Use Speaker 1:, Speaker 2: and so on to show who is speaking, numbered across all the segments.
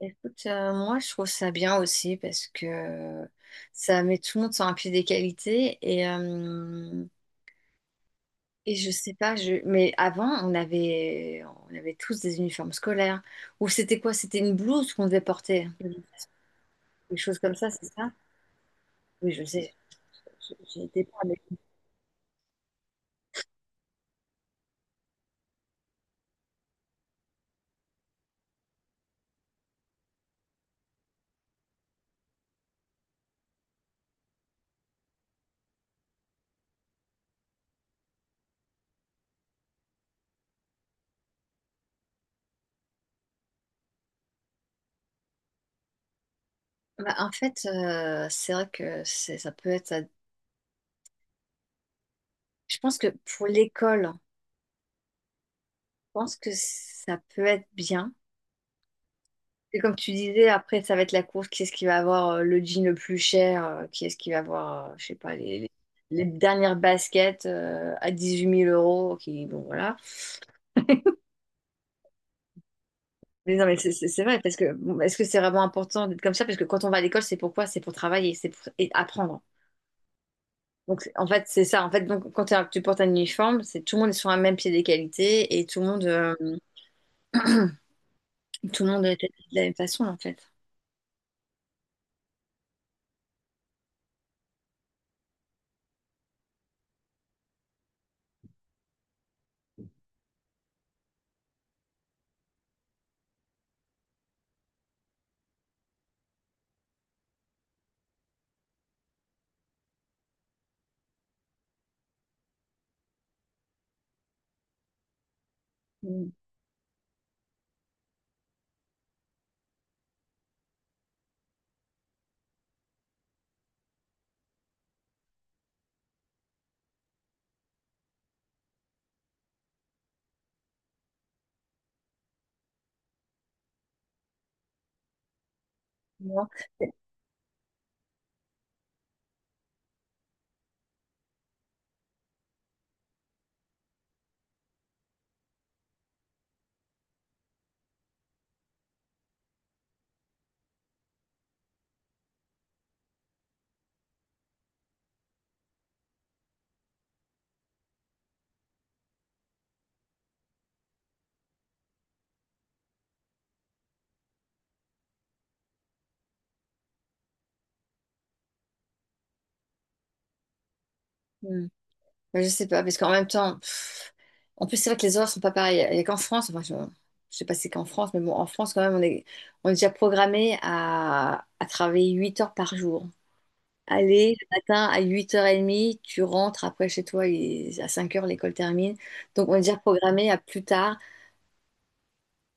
Speaker 1: Écoute, moi je trouve ça bien aussi parce que ça met tout le monde sur un pied d'égalité et je sais pas je mais avant on avait tous des uniformes scolaires ou c'était quoi? C'était une blouse qu'on devait porter des choses comme ça c'est ça? Oui je sais j'étais pas avec. En fait, c'est vrai que c'est ça peut être, je pense que pour l'école je pense que ça peut être bien. C'est comme tu disais, après, ça va être la course. Qui est-ce qui va avoir le jean le plus cher? Qui est-ce qui va avoir, je sais pas, les dernières baskets à huit mille euros? Qui, bon, voilà. Mais non, mais c'est vrai, parce que bon, est-ce que c'est vraiment important d'être comme ça? Parce que quand on va à l'école, c'est pourquoi? C'est pour travailler, c'est pour et apprendre. En fait, c'est ça. En fait, donc, quand tu portes un uniforme, c'est tout le monde est sur un même pied d'égalité et tout le monde est de la même façon, en fait. Mm. Non. Mm. Je sais pas, parce qu'en même temps. En plus, c'est vrai que les horaires sont pas pareils. Il n'y a qu'en France, je sais pas si c'est qu'en France, mais bon, en France, quand même, on est déjà programmé à travailler 8 heures par jour. Aller le matin à 8h30, tu rentres après chez toi à 5 heures l'école termine. Donc, on est déjà programmé à plus tard,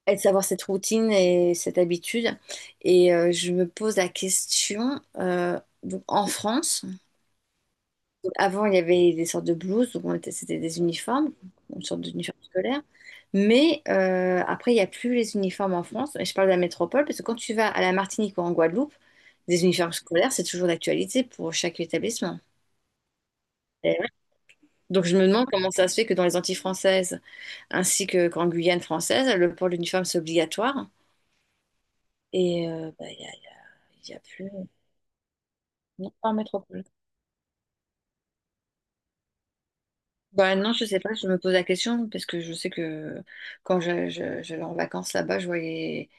Speaker 1: à savoir cette routine et cette habitude. Et je me pose la question, donc, en France, avant, il y avait des sortes de blouses, donc c'était des uniformes, une sorte d'uniforme scolaire. Mais après, il n'y a plus les uniformes en France. Et je parle de la métropole, parce que quand tu vas à la Martinique ou en Guadeloupe, des uniformes scolaires, c'est toujours d'actualité pour chaque établissement. Et ouais. Donc je me demande comment ça se fait que dans les Antilles françaises, ainsi que qu'en Guyane française, le port de l'uniforme, c'est obligatoire. Et bah, il y a plus... Non, pas en métropole. Bah non, je sais pas, je me pose la question parce que je sais que quand j'allais en vacances là-bas, je voyais.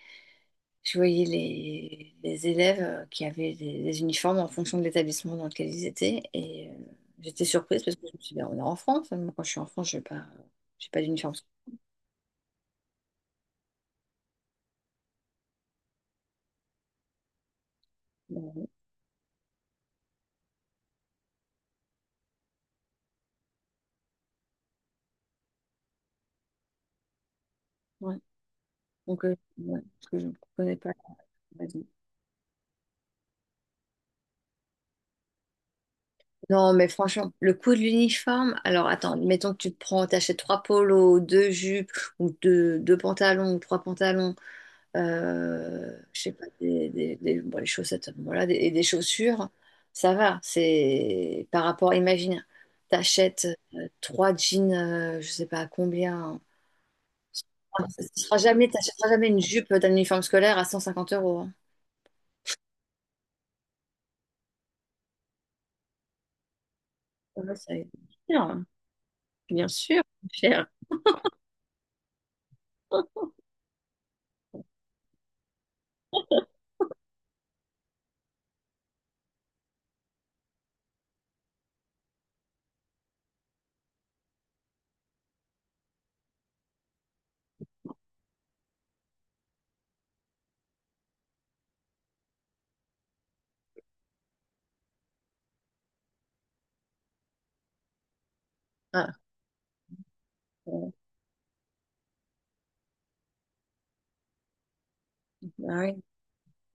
Speaker 1: Je voyais les élèves qui avaient des uniformes en fonction de l'établissement dans lequel ils étaient. Et j'étais surprise parce que je me suis dit, ben, on est en France, hein. Moi, quand je suis en France, je n'ai pas, j'ai pas d'uniforme scolaire. Ouais. Donc, ouais, parce que je ne connais pas. Vas-y. Non, mais franchement, le coût de l'uniforme, alors attends, mettons que t'achètes trois polos, deux jupes ou deux pantalons ou trois pantalons, je sais pas, bon, les chaussettes, voilà, des, et des chaussures, ça va. C'est par rapport, imagine, t'achètes trois jeans, je sais pas à combien. Ah, ça sera jamais, t'achèteras jamais une jupe d'un uniforme scolaire à 150 euros, hein. Ouais, ça va être cher, hein. Bien sûr, cher. Ah, ouais. Ah ouais.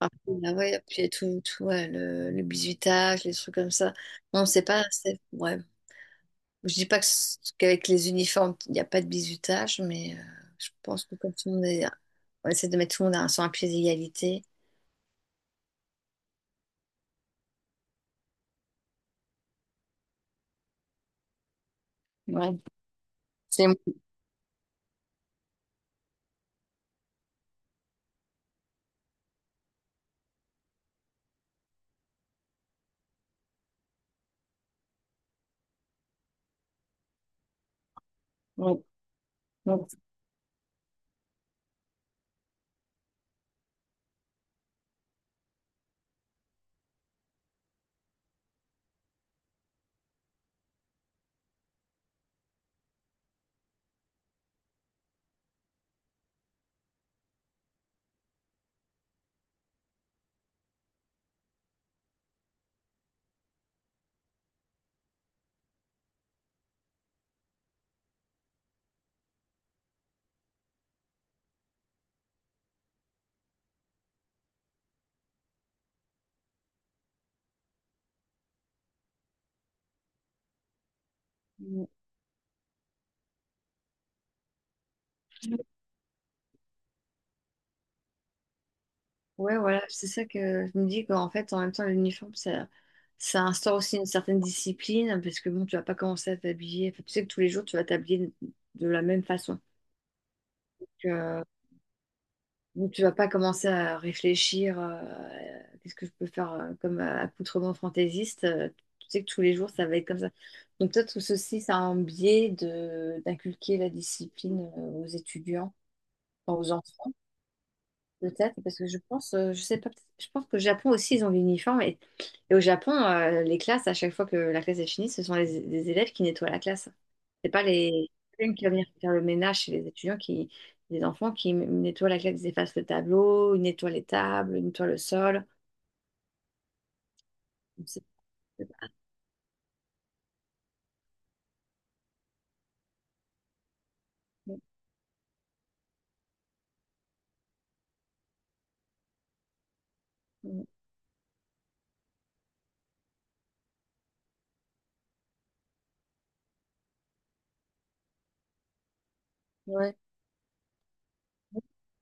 Speaker 1: Ah, ah ouais, puis tout ouais, le bizutage, les trucs comme ça. Non, c'est pas, c'est, ouais, je dis pas que qu'avec les uniformes, il n'y a pas de bizutage, mais je pense que comme tout le monde est, on essaie de mettre tout le monde à- sur un pied d'égalité. Ouais, c'est... Ouais, ouais. Ouais, voilà, c'est ça que je me dis qu'en fait, en même temps, l'uniforme, ça instaure aussi une certaine discipline, parce que bon, tu vas pas commencer à t'habiller. Enfin, tu sais que tous les jours, tu vas t'habiller de la même façon. Donc, tu vas pas commencer à réfléchir, qu'est-ce que je peux faire comme accoutrement fantaisiste. Tu sais que tous les jours, ça va être comme ça. Donc, toi, tout ceci, ça a un biais de d'inculquer la discipline aux étudiants, enfin, aux enfants. Peut-être, parce que je pense, je sais pas, je pense qu'au Japon aussi, ils ont l'uniforme. Et au Japon, les classes, à chaque fois que la classe est finie, ce sont les élèves qui nettoient la classe. C'est pas les une qui va venir faire le ménage chez les étudiants, qui, les enfants qui nettoient la classe, ils effacent le tableau, ils nettoient les tables, ils nettoient le sol. C'est- c'est pas- Ouais.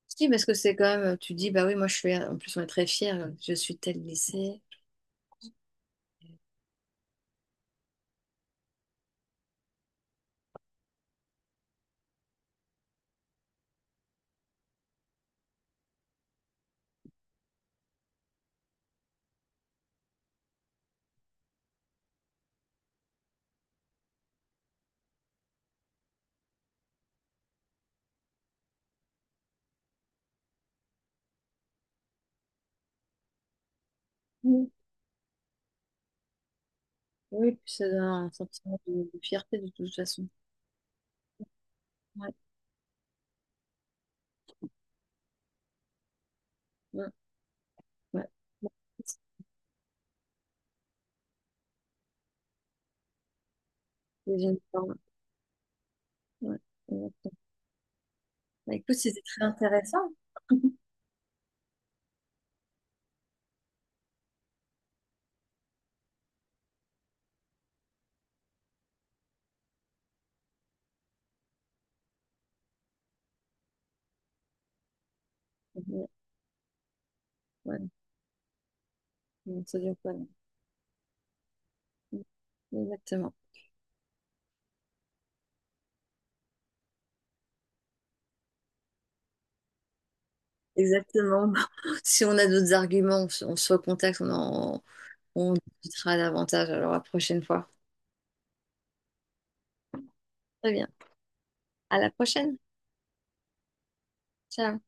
Speaker 1: Si, parce que c'est quand même, tu dis, bah oui, moi je suis, en plus on est très fiers, je suis tel lycée. Oui, Oui, puis ça donne un sentiment de fierté de toute façon. Ouais, ouais, ouais. Bon, c'est une forme. Ouais, exactement. Bah, écoute, c'était très intéressant. Ouais, ouais. Non, ça dure pas long. Exactement. Exactement. Si on a d'autres arguments, on se recontacte, on discutera davantage alors la prochaine fois. Très bien. À la prochaine. Ciao.